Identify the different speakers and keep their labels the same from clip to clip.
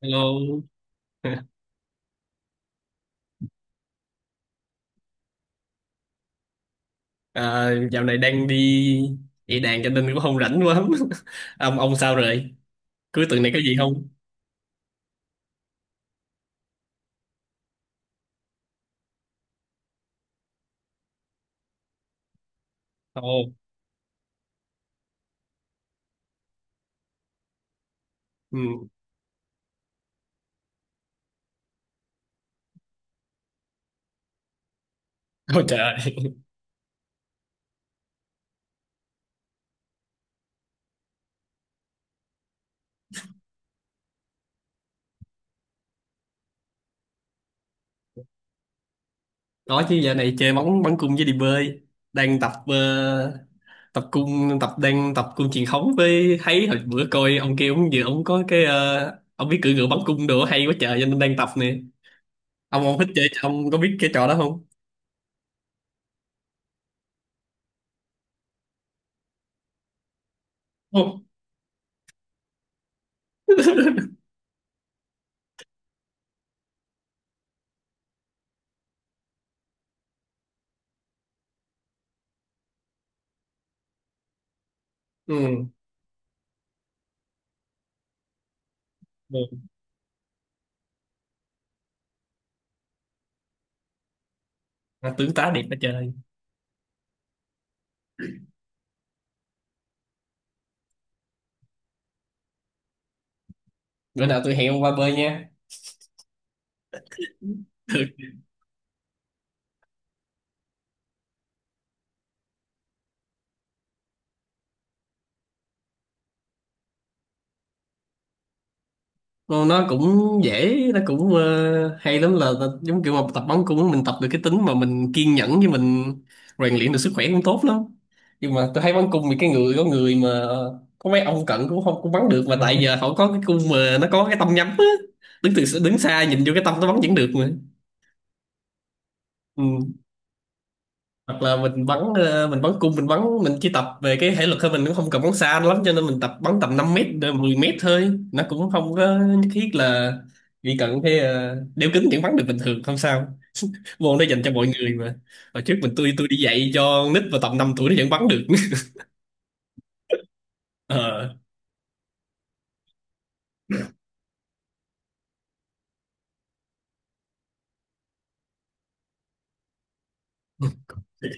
Speaker 1: Hello. À, dạo này đang đi dạy đàn cho nên cũng không rảnh quá. Ông sao rồi? Cuối tuần này có gì không? Ồ, ừ. Ôi trời ơi. Có chứ, dạo này chơi bóng, bắn cung với đi bơi. Đang tập ờ, tập cung tập đang tập cung truyền thống. Với thấy hồi bữa coi ông kia, ông vừa ông có cái ờ, ông biết cưỡi ngựa bắn cung đồ hay quá trời cho nên đang tập nè. Ông thích chơi ông có biết cái trò đó không? Không. Ừ. Ừ. À, tướng tá đẹp quá trời. Bữa nào tôi hẹn ông qua bơi nha. Nó cũng dễ, nó cũng hay lắm, là giống kiểu mà tập bóng, cũng mình tập được cái tính mà mình kiên nhẫn, với mình rèn luyện được sức khỏe cũng tốt lắm. Nhưng mà tôi thấy bắn cung thì cái người có người mà có mấy ông cận cũng không cũng bắn được, mà tại giờ họ có cái cung mà nó có cái tông nhắm á, đứng xa nhìn vô cái tông nó bắn vẫn được mà. Ừ. Hoặc là mình bắn ờ, mình bắn cung mình bắn mình chỉ tập về cái thể lực thôi, mình cũng không cần bắn xa lắm cho nên mình tập bắn tầm 5 mét đến 10 mét thôi, nó cũng không có nhất thiết là, vì cần cái đeo kính vẫn bắn được bình thường không sao, môn đó dành cho mọi người mà. Hồi trước mình, tôi đi dạy cho con nít vào tầm 5 tuổi nó vẫn bắn được. Ờ.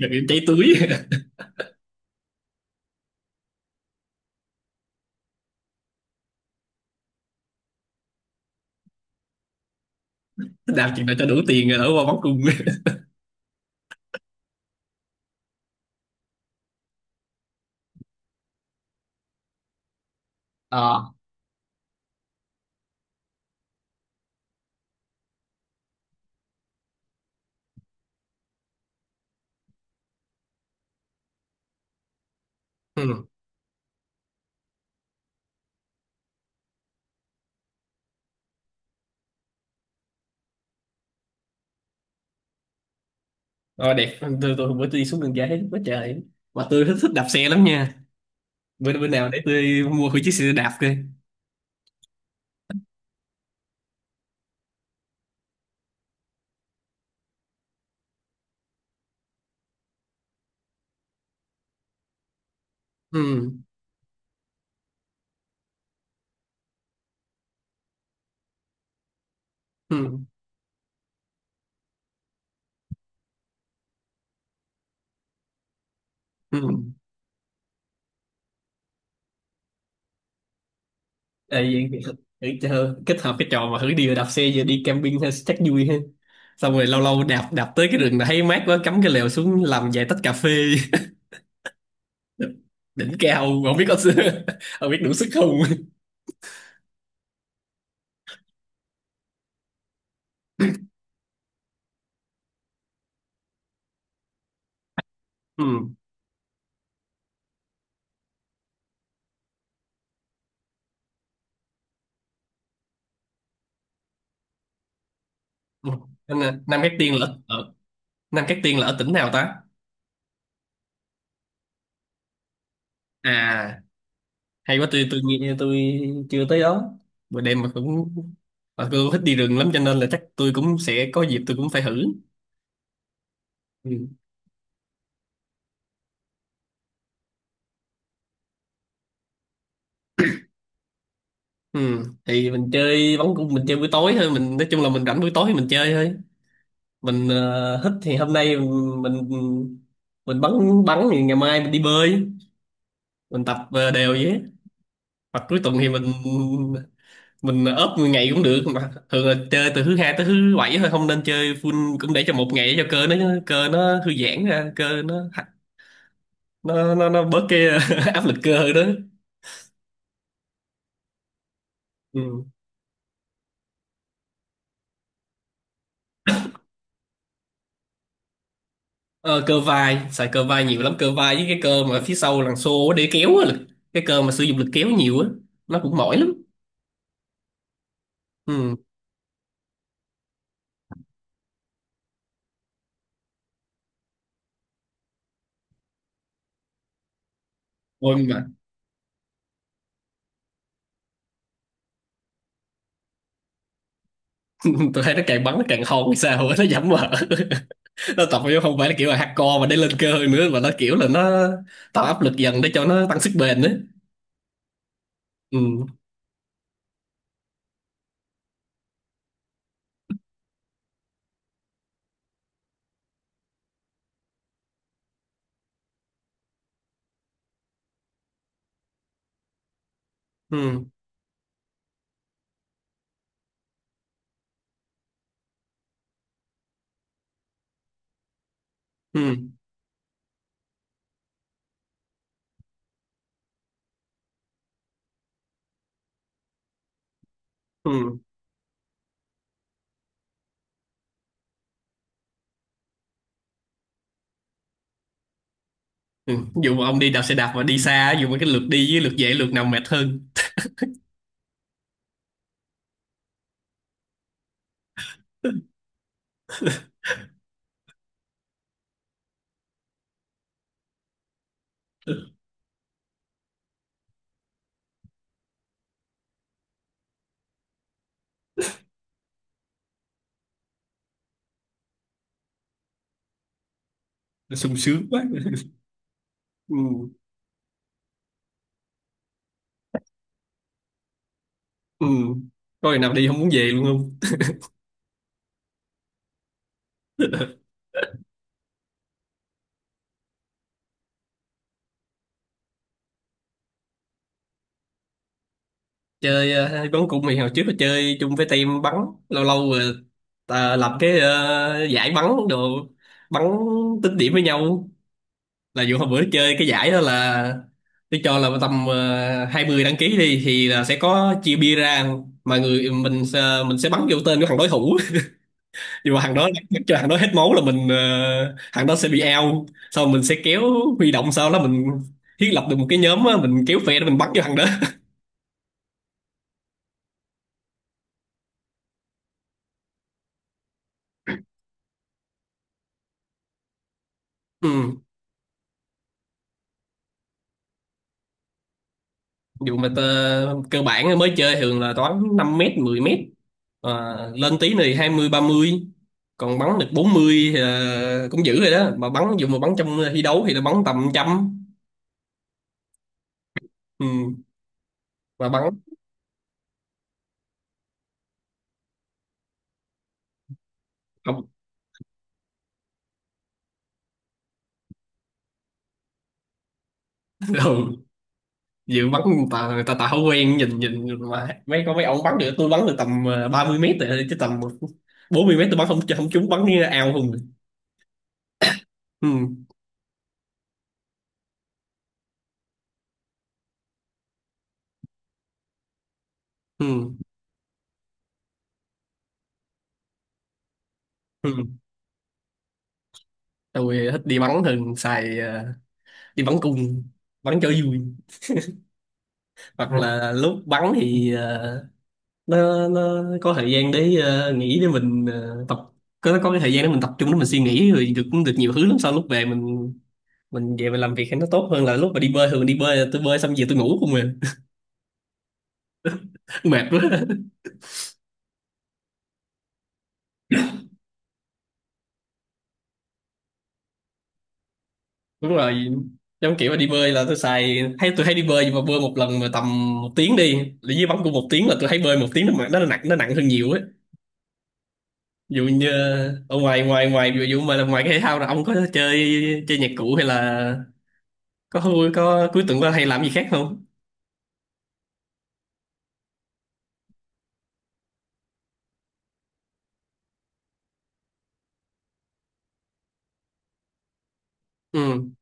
Speaker 1: Đừng cháy túi. Làm chuyện nào cho đủ tiền rồi đỡ qua bắn cung. Ờ. Ừ. Ờ, đẹp. Tôi bữa tôi đi xuống đường giải thấy quá trời, mà tôi thích đạp xe lắm nha. Bữa bữa nào để tôi mua thử chiếc xe đạp coi. Ừ. Ừ. Ừ. Ê, vậy thì thử chơi kết hợp cái trò mà thử đi đạp xe, giờ đi camping hay chắc vui ha, xong rồi lâu lâu đạp đạp tới cái rừng này thấy mát quá, cắm cái lều xuống làm vài tách cà phê. Đỉnh cao. Không biết có, không biết đủ sức không. Ừ. Ừ. Nam Cát Tiên là ở, tỉnh nào ta? À, hay quá. Tôi chưa tới đó, bữa đêm mà cũng, mà tôi cũng thích đi rừng lắm cho nên là chắc tôi cũng sẽ có dịp, tôi cũng phải thử. Ừ. Ừ, thì mình chơi bắn cung mình chơi buổi tối thôi, mình nói chung là mình rảnh buổi tối thì mình chơi thôi. Mình, thích thì hôm nay mình, mình bắn, thì ngày mai mình đi bơi. Mình tập đều vậy á. Hoặc cuối tuần thì mình ốp 10 ngày cũng được, mà thường là chơi từ thứ hai tới thứ bảy thôi, không nên chơi full, cũng để cho một ngày để cho cơ nó thư giãn ra, cơ nó bớt cái áp lực cơ đó. Ừ. Ờ, cơ vai, xài cơ vai nhiều lắm, cơ vai với cái cơ mà phía sau đằng xô á, để kéo á lực, cái cơ mà sử dụng lực kéo nhiều á, nó cũng mỏi lắm. Ừ. Ôi mà tôi thấy nó càng bắn nó càng hôn hay sao á, nó giảm mỡ. Nó tập vô không phải là kiểu là hardcore mà để lên cơ nữa, mà nó kiểu là nó tạo áp lực dần để cho nó tăng sức bền nữa. Ừ. Ừ. Ừ. Ừ. Ừ. Dù mà ông đi đạp xe đạp mà đi xa, dù mà cái lượt đi với lượt về, lượt nào mệt hơn? Sung sướng quá. Ừ. Ừ. Có ngày nào đi không muốn về luôn không? Chơi bắn cung thì hồi trước là chơi chung với team bắn, lâu lâu rồi ta lập cái giải bắn đồ, bắn tính điểm với nhau. Là dù hôm bữa chơi cái giải đó là, tôi cho là tầm 20 đăng ký đi, thì là sẽ có chia bia ra, mà mình sẽ bắn vô tên của thằng đối thủ. Nhưng mà thằng đó bắn cho thằng đó hết máu là mình thằng đó sẽ bị out. Sau mình sẽ kéo huy động, sau đó mình thiết lập được một cái nhóm á, mình kéo phe để mình bắn cho thằng đó. Ừ. Dù mà tơ, cơ bản mới chơi thường là toán 5 mét 10 mét, à, lên tí này 20, 30, còn bắn được 40 thì cũng dữ rồi đó. Mà bắn dù mà bắn trong thi đấu thì nó bắn tầm trăm. Ừ. Mà bắn không. Ừ. Dự bắn người ta, người ta không quen nhìn, nhìn mà mấy, có mấy ông bắn được, tôi bắn được tầm à, 30 mét rồi, chứ tầm 40 mét tôi bắn không, không trúng bắn như ao không. Ừ. Ừ. Ừ. Tôi thích đi bắn, thường xài đi bắn cung bắn cho vui, hoặc Ừ. là lúc bắn thì nó có thời gian để nghỉ, để mình tập, có cái thời gian để mình tập trung để mình suy nghĩ rồi được cũng được nhiều thứ lắm. Sau lúc về mình về mình làm việc thì nó tốt hơn. Là lúc mà đi bơi, thường đi bơi là tôi bơi xong về tôi ngủ không mà. Mệt quá. Đúng rồi. Trong kiểu mà đi bơi là tôi xài hay tôi hay đi bơi, nhưng mà bơi một lần mà tầm một tiếng đi, là dưới bắn của một tiếng, là tôi thấy bơi một tiếng nó nó nặng, nó nặng hơn nhiều ấy. Ví dụ như ở ngoài ngoài ngoài ví dụ mà là ngoài cái thể thao là ông có chơi chơi nhạc cụ hay là có vui, có cuối tuần qua hay làm gì khác không? Ừ.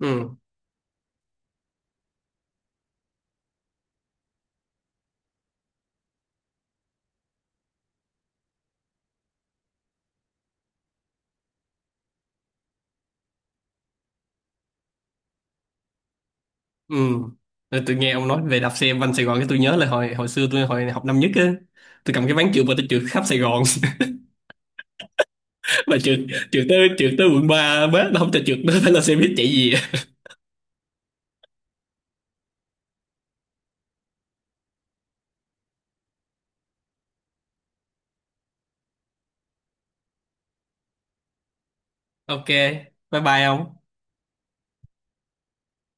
Speaker 1: Ừ. Ừ. Rồi tôi nghe ông nói về đạp xe quanh Sài Gòn cái tôi nhớ là hồi hồi xưa tôi hồi học năm nhất á, tôi cầm cái ván trượt mà tôi trượt khắp Sài Gòn. Mà trượt, trượt tới quận ba bế nó không cho trượt, nó phải là xe buýt chạy gì. Ok, bye bye ông.